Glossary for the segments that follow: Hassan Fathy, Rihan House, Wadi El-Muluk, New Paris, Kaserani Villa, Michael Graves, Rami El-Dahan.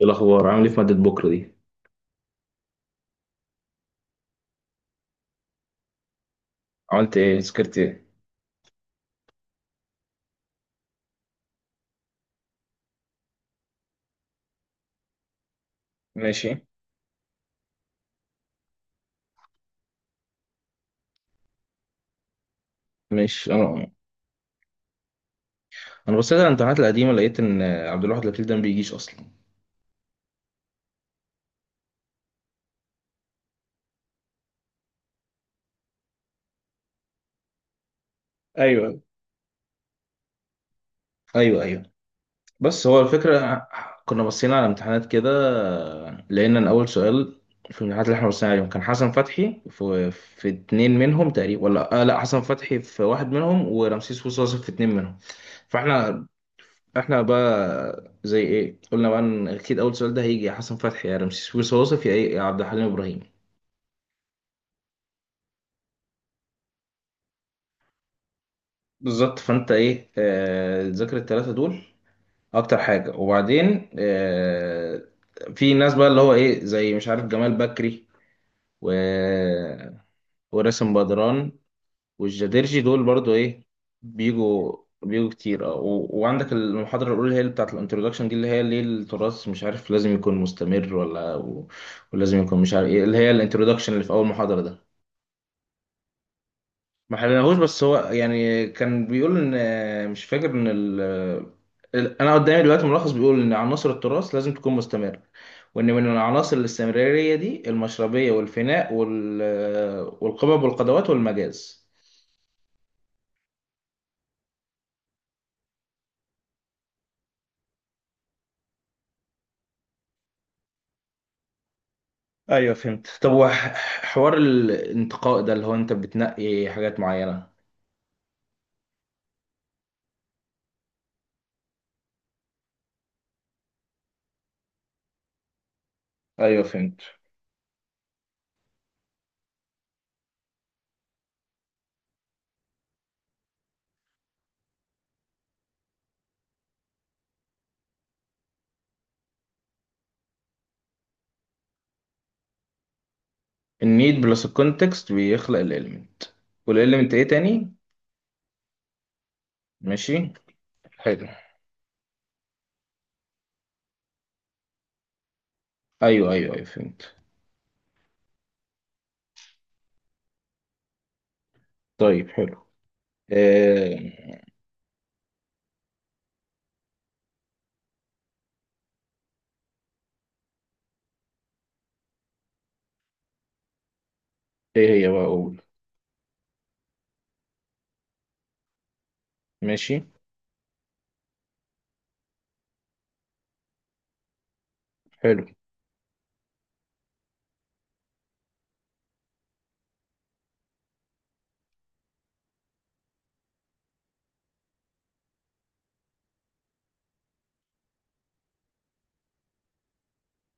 ايه الاخبار، عامل ايه في ماده بكره دي؟ عملت ايه؟ ذاكرت ايه؟ ماشي. مش انا. انا بصيت على الامتحانات القديمه، لقيت ان عبد الواحد لطيف ده ما بيجيش اصلا. ايوه. ايوه ايوه. بس هو الفكره، كنا بصينا على امتحانات كده، لقينا ان اول سؤال في الامتحانات اللي احنا بصينا عليهم كان حسن فتحي في اتنين منهم تقريبا، ولا لا حسن فتحي في واحد منهم، ورمسيس وصوصي في اتنين منهم. فاحنا احنا بقى زي ايه قلنا بقى ان اكيد اول سؤال ده هيجي يا حسن فتحي يا رمسيس وصوصف يا ايه يا عبد الحليم ابراهيم. بالظبط. فانت ايه ذاكر الثلاثه دول اكتر حاجه. وبعدين في ناس بقى اللي هو ايه زي مش عارف جمال بكري و وراسم بدران والجديرجي، دول برضو ايه، بيجوا بيجوا كتير. اه وعندك المحاضرة الأولى، هي اللي بتاعت الانترودكشن دي، اللي هي ليه التراث مش عارف لازم يكون مستمر ولا ولازم يكون مش عارف ايه، اللي هي الانترودكشن اللي في أول محاضرة ده. ما حلناهوش، بس هو يعني كان بيقول إن، مش فاكر إن أنا قدامي دلوقتي ملخص بيقول إن عناصر التراث لازم تكون مستمرة، وإن من عناصر الاستمرارية دي المشربية والفناء والقبب والقدوات والمجاز. ايوه فهمت. طب حوار الانتقاء ده اللي هو انت بتنقي حاجات معينة. ايوه فهمت. النيد بلس الكونتكست بيخلق الاليمنت. والاليمنت ايه تاني؟ ماشي. حلو. ايوه ايوه ايوه فهمت. طيب حلو. آه... ايه هي بقى اقول. ماشي. حلو.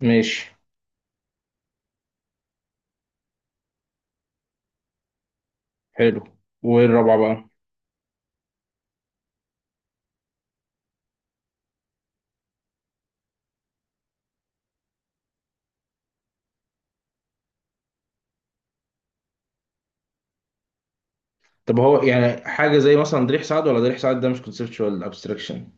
ماشي حلو. وايه الرابعة بقى؟ طب هو يعني حاجة زي مثلا ضريح سعد، ولا ضريح سعد ده مش كونسبشوال ابستراكشن؟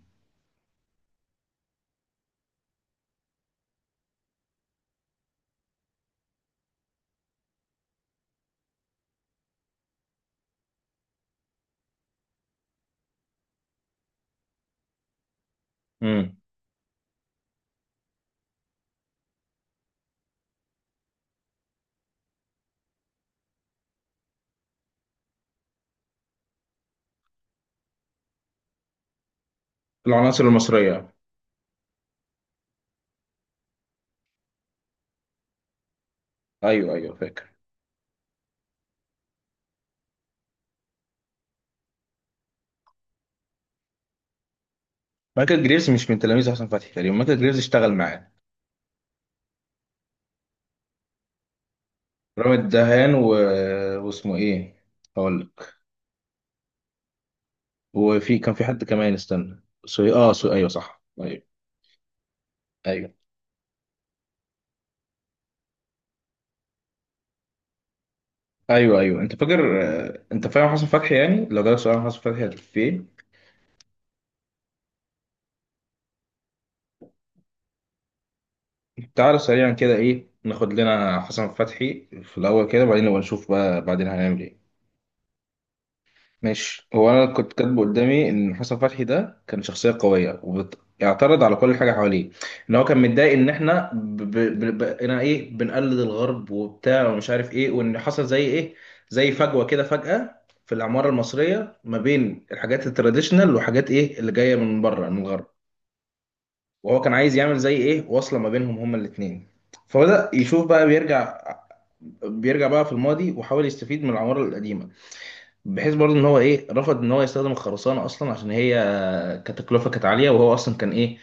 امم. العناصر المصرية. ايوه ايوه فاكر. مايكل جريفز مش من تلاميذ حسن فتحي تقريبا، مايكل جريفز اشتغل معاه. رامي الدهان واسمه ايه؟ هقول لك. وفي كان في حد كمان، استنى، سوي، اه، سوي، ايوه صح، ايوه. ايوه ايوه ايوه. انت فاكر انت فاهم حسن فتحي؟ يعني لو جالك سؤال عن حسن فتحي هتقول في ايه؟ تعالى سريعا كده، ايه ناخد لنا حسن فتحي في الاول كده، وبعدين نبقى نشوف بقى بعدين هنعمل ايه. ماشي. هو انا كنت كاتبه قدامي ان حسن فتحي ده كان شخصيه قويه، وبيعترض على كل حاجه حواليه. ان هو كان متضايق ان احنا انا ايه بنقلد الغرب وبتاع ومش عارف ايه، وان حصل زي ايه، زي فجوه كده، فجاه في العماره المصريه ما بين الحاجات التراديشنال وحاجات ايه اللي جايه من بره، من الغرب. وهو كان عايز يعمل زي ايه واصله ما بينهم هما الاثنين. فبدأ يشوف بقى، بيرجع بقى في الماضي، وحاول يستفيد من العماره القديمه. بحيث برضه ان هو ايه رفض ان هو يستخدم الخرسانه اصلا، عشان هي كتكلفه كانت عاليه، وهو اصلا كان ايه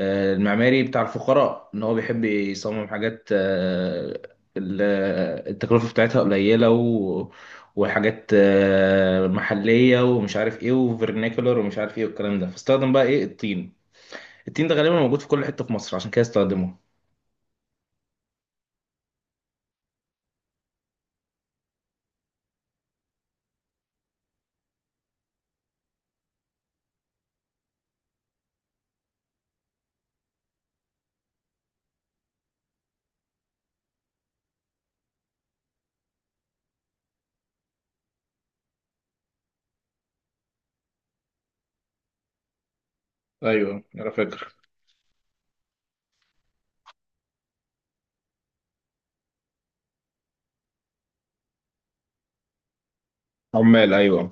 المعماري بتاع الفقراء، ان هو بيحب يصمم حاجات التكلفه بتاعتها قليله، وحاجات محليه ومش عارف ايه وفرنيكولر ومش عارف ايه والكلام ده. فاستخدم بقى ايه الطين. الطين ده غالبا موجود في كل حته في مصر، عشان كده استخدمه. ايوه انا فاكر. عمال، ايوه.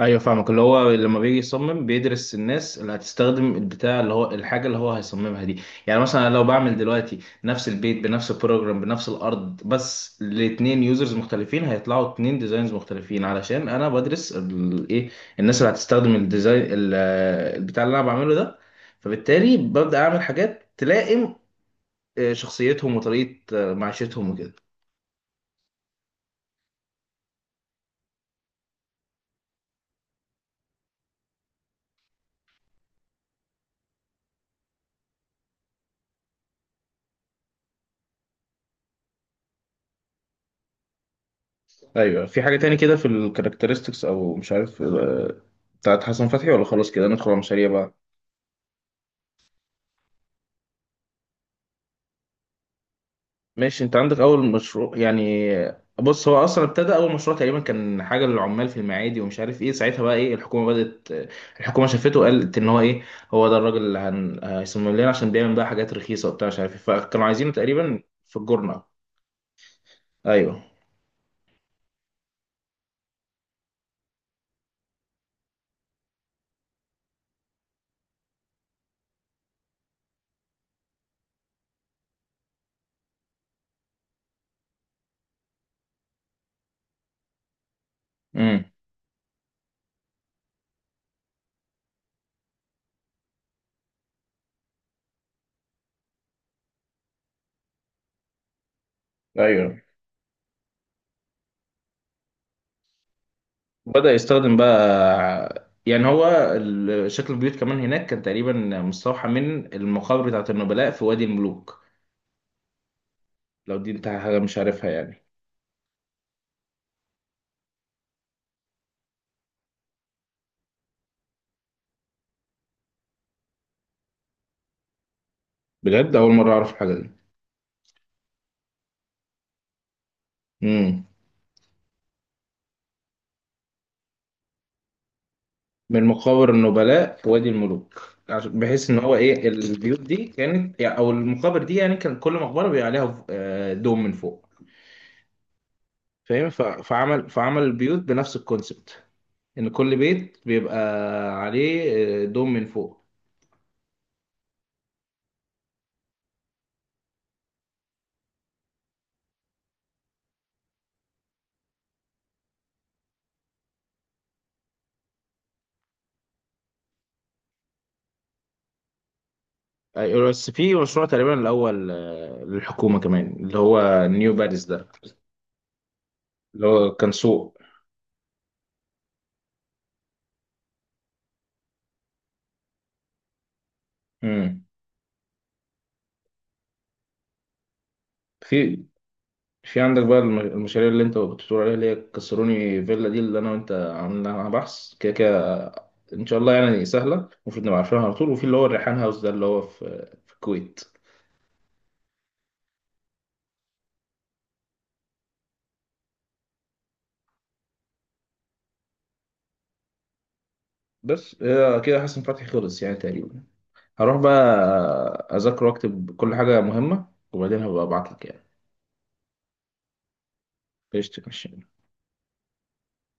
ايوه فاهمك، اللي هو لما بيجي يصمم بيدرس الناس اللي هتستخدم البتاع اللي هو الحاجه اللي هو هيصممها دي. يعني مثلا أنا لو بعمل دلوقتي نفس البيت بنفس البروجرام بنفس الارض بس لاتنين يوزرز مختلفين، هيطلعوا اتنين ديزاينز مختلفين، علشان انا بدرس الايه، الناس اللي هتستخدم الديزاين البتاع اللي انا بعمله ده. فبالتالي ببدا اعمل حاجات تلائم شخصيتهم وطريقه معيشتهم وكده. ايوه. في حاجه تاني كده في الكاركترستكس او مش عارف بتاعت حسن فتحي، ولا خلاص كده ندخل على المشاريع بقى؟ ماشي. انت عندك اول مشروع يعني؟ بص، هو اصلا ابتدى اول مشروع تقريبا كان حاجه للعمال في المعادي ومش عارف ايه. ساعتها بقى ايه الحكومه بدات، الحكومه شافته وقالت ان هو ايه، هو ده الراجل اللي هيصمم لنا، عشان بيعمل بقى حاجات رخيصه وبتاع مش عارف ايه، فكانوا عايزينه تقريبا في الجورنه. ايوه. امم. ايوه. بدأ يستخدم بقى يعني هو شكل البيوت كمان هناك كان تقريبا مستوحى من المقابر بتاعت النبلاء في وادي الملوك. لو دي انت حاجة مش عارفها يعني. بجد أول مرة أعرف الحاجة دي. مم. من مقابر النبلاء في وادي الملوك. بحيث إن هو إيه البيوت دي كانت يعني، أو المقابر دي يعني، كان كل مقبرة بيبقى عليها دوم من فوق. فاهم. فعمل البيوت بنفس الكونسبت، إن كل بيت بيبقى عليه دوم من فوق. أيوة، بس في مشروع تقريبا الاول للحكومه كمان، اللي هو نيو باريس ده، اللي هو كان سوق. امم. في في عندك بقى المشاريع اللي انت كنت بتقول عليها اللي هي كسروني فيلا دي، اللي انا وانت عاملينها بحث كده كده، ان شاء الله يعني سهله. المفروض نبقى عارفينها على طول. وفي اللي هو الريحان هاوس ده، اللي هو في الكويت. بس هي كده حسن فتحي خلص يعني تقريبا. هروح بقى اذاكر واكتب كل حاجه مهمه، وبعدين هبقى ابعت لك يعني. قشطة، ماشي.